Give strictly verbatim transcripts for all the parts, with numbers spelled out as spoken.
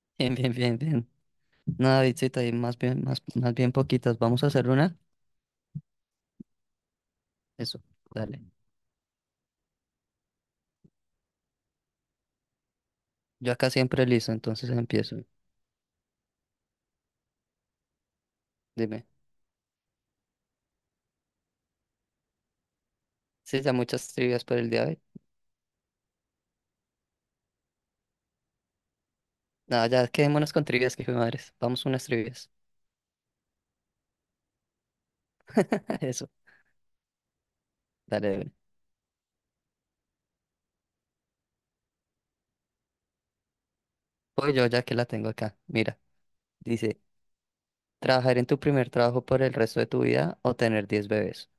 Bien, bien, bien, bien. Nada Davidcita, y más bien, más, más bien poquitas. ¿Vamos a hacer una? Eso, dale. Yo acá siempre listo, entonces empiezo. Dime. Sí, ya muchas trivias por el día de hoy. No, ya quedémonos con trivias, que hijo de madres. Vamos unas trivias. Eso, dale, dale. Voy yo ya que la tengo acá. Mira, dice, ¿trabajar en tu primer trabajo por el resto de tu vida o tener diez bebés?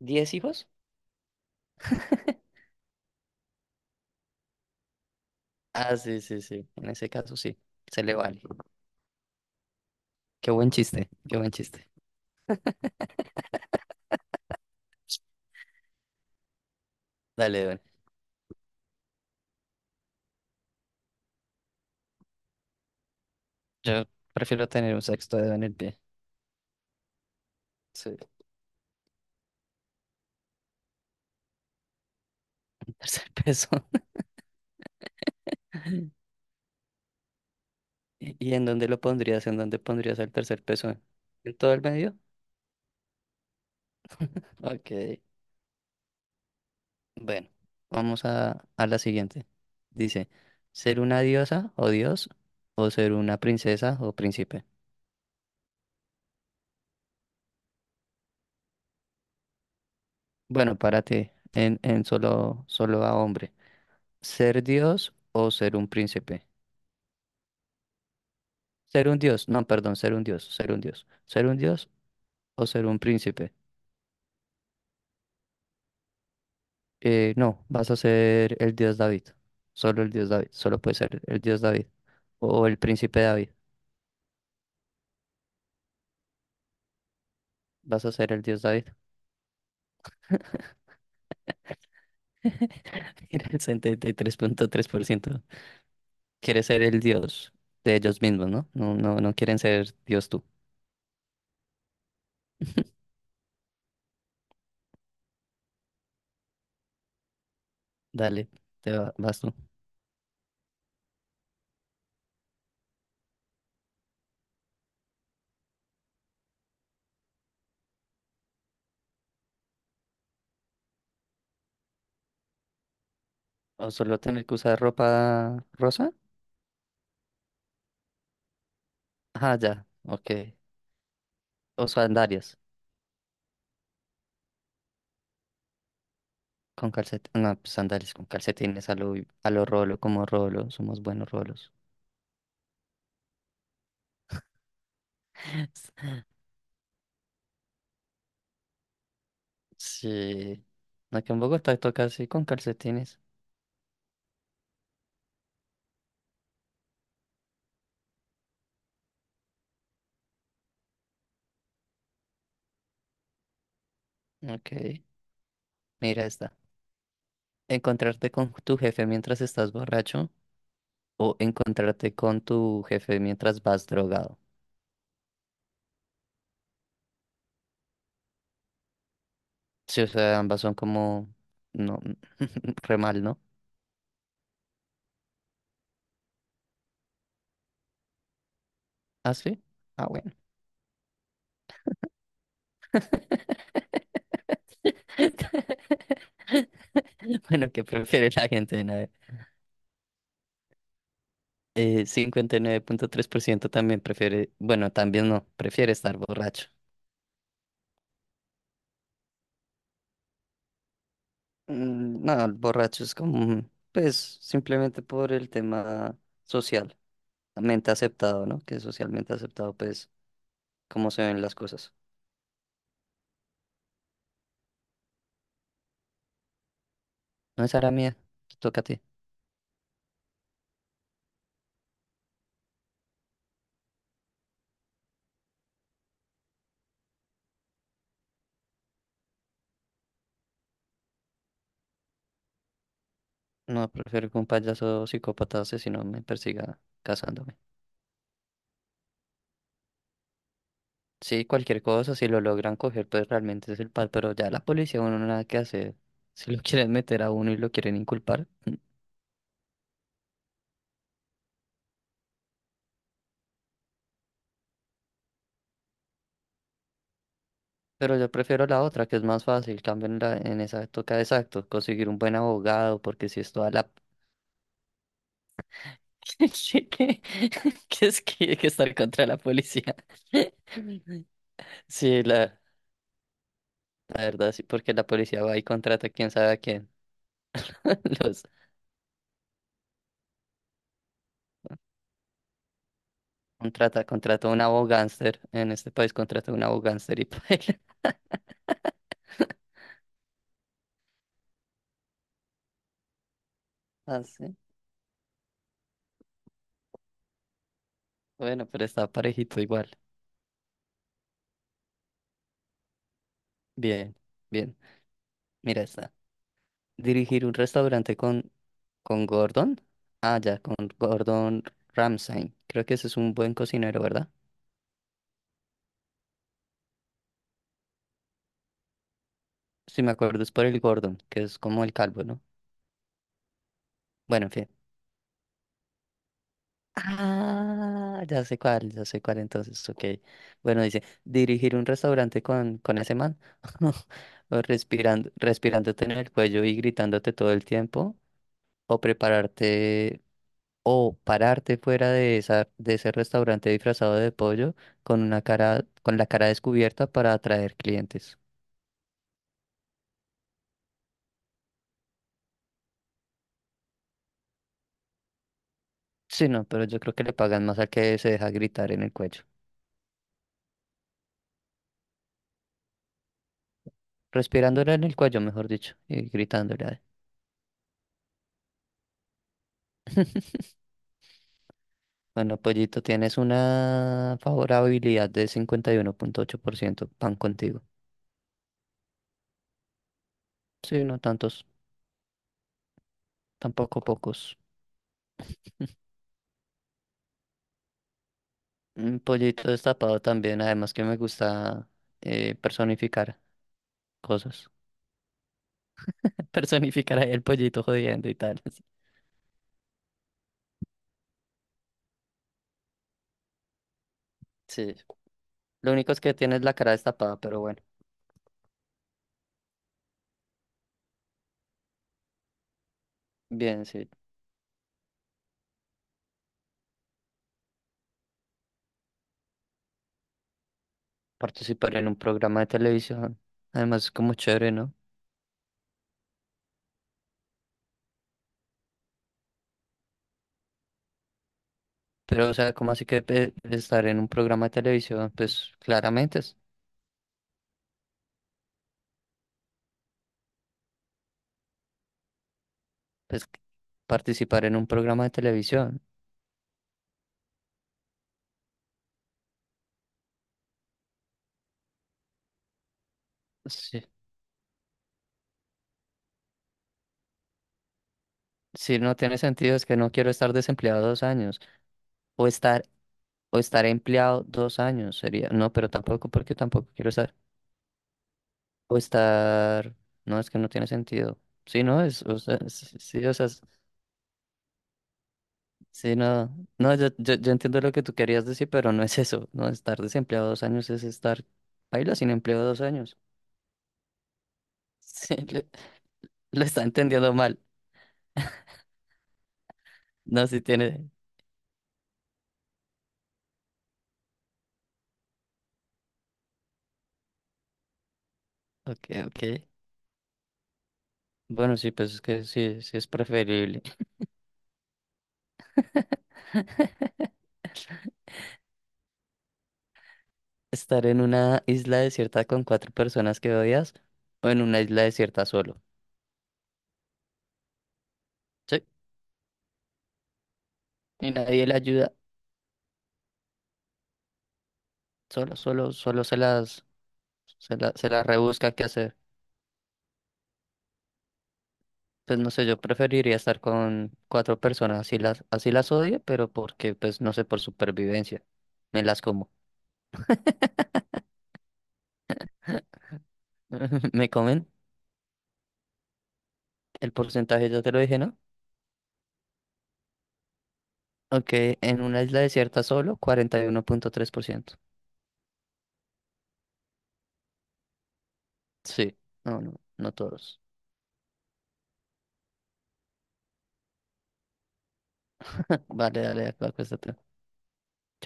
¿Diez hijos? Ah, sí, sí, sí. En ese caso sí, se le vale. Qué buen chiste, qué buen chiste. Dale, Edwin. Yo prefiero tener un sexto dedo en el pie. Sí, el tercer peso. ¿Y en dónde lo pondrías? ¿En dónde pondrías el tercer peso, eh? ¿En todo el medio? Ok. Bueno, vamos a, a la siguiente. Dice, ¿ser una diosa o dios o ser una princesa o príncipe? Bueno, párate en, en solo, solo a hombre. ¿Ser dios o ser un príncipe? Ser un dios, no, perdón, ser un dios, ser un dios. ¿Ser un dios o ser un príncipe? Eh, no, vas a ser el dios David. Solo el dios David. Solo puede ser el dios David. O el príncipe David. Vas a ser el dios David. Mira, el setenta y tres punto tres por ciento. Quiere ser el dios de ellos mismos, ¿no? No, no, no quieren ser dios tú. Dale, te va- vas tú. O solo tener que usar ropa rosa. Ah, ya, ok. O sandalias con calcetines. No, pues sandalias con calcetines a lo, a lo rolo, como rolo. Somos buenos rolos. Sí. Aquí en Bogotá toca así con calcetines. Ok. Mira esta. Encontrarte con tu jefe mientras estás borracho o encontrarte con tu jefe mientras vas drogado. Sí, o sea, ambas son como... No, re mal, ¿no? ¿Ah, sí? Ah, bueno. Bueno, ¿qué prefiere la gente? A ver, eh, cincuenta y nueve punto tres por ciento también prefiere... Bueno, también no, prefiere estar borracho. Mm, No, el borracho es como... Pues, simplemente por el tema social mente aceptado, ¿no? Que es socialmente aceptado, pues, cómo se ven las cosas. No es la mía, te toca a ti. No, prefiero que un payaso psicópata asesino me persiga casándome. Sí, cualquier cosa, si lo logran coger, pues realmente es el pal, pero ya la policía uno nada que hacer. Si lo quieren meter a uno y lo quieren inculpar. Pero yo prefiero la otra, que es más fácil. Cambio en, la, en esa toca exacto, conseguir un buen abogado, porque si es toda la... qué que es que, que estar contra la policía. Sí, la, La verdad, sí, porque la policía va y contrata quién sabe a quién. Los contrata, contrata un abogánster. En este país contrata un abogánster y paila. Ah, sí. Bueno, pero está parejito igual. Bien, bien. Mira esta. Dirigir un restaurante con, con Gordon. Ah, ya, con Gordon Ramsay. Creo que ese es un buen cocinero, ¿verdad? Si me acuerdo, es por el Gordon, que es como el calvo, ¿no? Bueno, en fin. Ah, ya sé cuál, ya sé cuál entonces, ok. Bueno, dice, dirigir un restaurante con, con ese man, o respirando, respirándote en el cuello y gritándote todo el tiempo, o prepararte, o pararte fuera de esa, de ese restaurante disfrazado de pollo con una cara, con la cara descubierta para atraer clientes. Sí, no, pero yo creo que le pagan más al que se deja gritar en el cuello. Respirándole en el cuello, mejor dicho, y gritándole. Bueno, Pollito, tienes una favorabilidad de cincuenta y uno punto ocho por ciento Pan contigo. Sí, no tantos, tampoco pocos. Un pollito destapado también, además que me gusta eh, personificar cosas. Personificar ahí el pollito jodiendo y tal. Sí, lo único es que tienes la cara destapada, pero bueno, bien, sí. Participar en un programa de televisión, además es como chévere, ¿no? Pero, o sea, como así que pe- estar en un programa de televisión? Pues claramente. Es, pues, participar en un programa de televisión. Sí. Si no tiene sentido, es que no quiero estar desempleado dos años o estar, o estar, empleado dos años sería, no, pero tampoco, porque tampoco quiero estar, o estar, no, es que no tiene sentido. Sí, no, es, o sea, s- sí, o sea, s- sí, no, no, yo, yo, yo entiendo lo que tú querías decir, pero no es eso, no, estar desempleado dos años es estar, baila sin empleo dos años. Sí, lo, lo está entendiendo mal, no, si tiene, ok, ok. Bueno, sí, pues es que sí, sí es preferible. Estar en una isla desierta con cuatro personas que odias o en una isla desierta solo. Sí, y nadie le ayuda, solo, solo, solo se las, se la, se las rebusca qué hacer. Pues no sé, yo preferiría estar con cuatro personas, así las, así las odio, pero porque, pues no sé, por supervivencia, me las como. Me comen, el porcentaje ya te lo dije, ¿no? Ok, en una isla desierta solo, cuarenta y uno punto tres por ciento. Sí, no, no, no todos. Vale, dale, de acuerdo, acuéstate. Chao.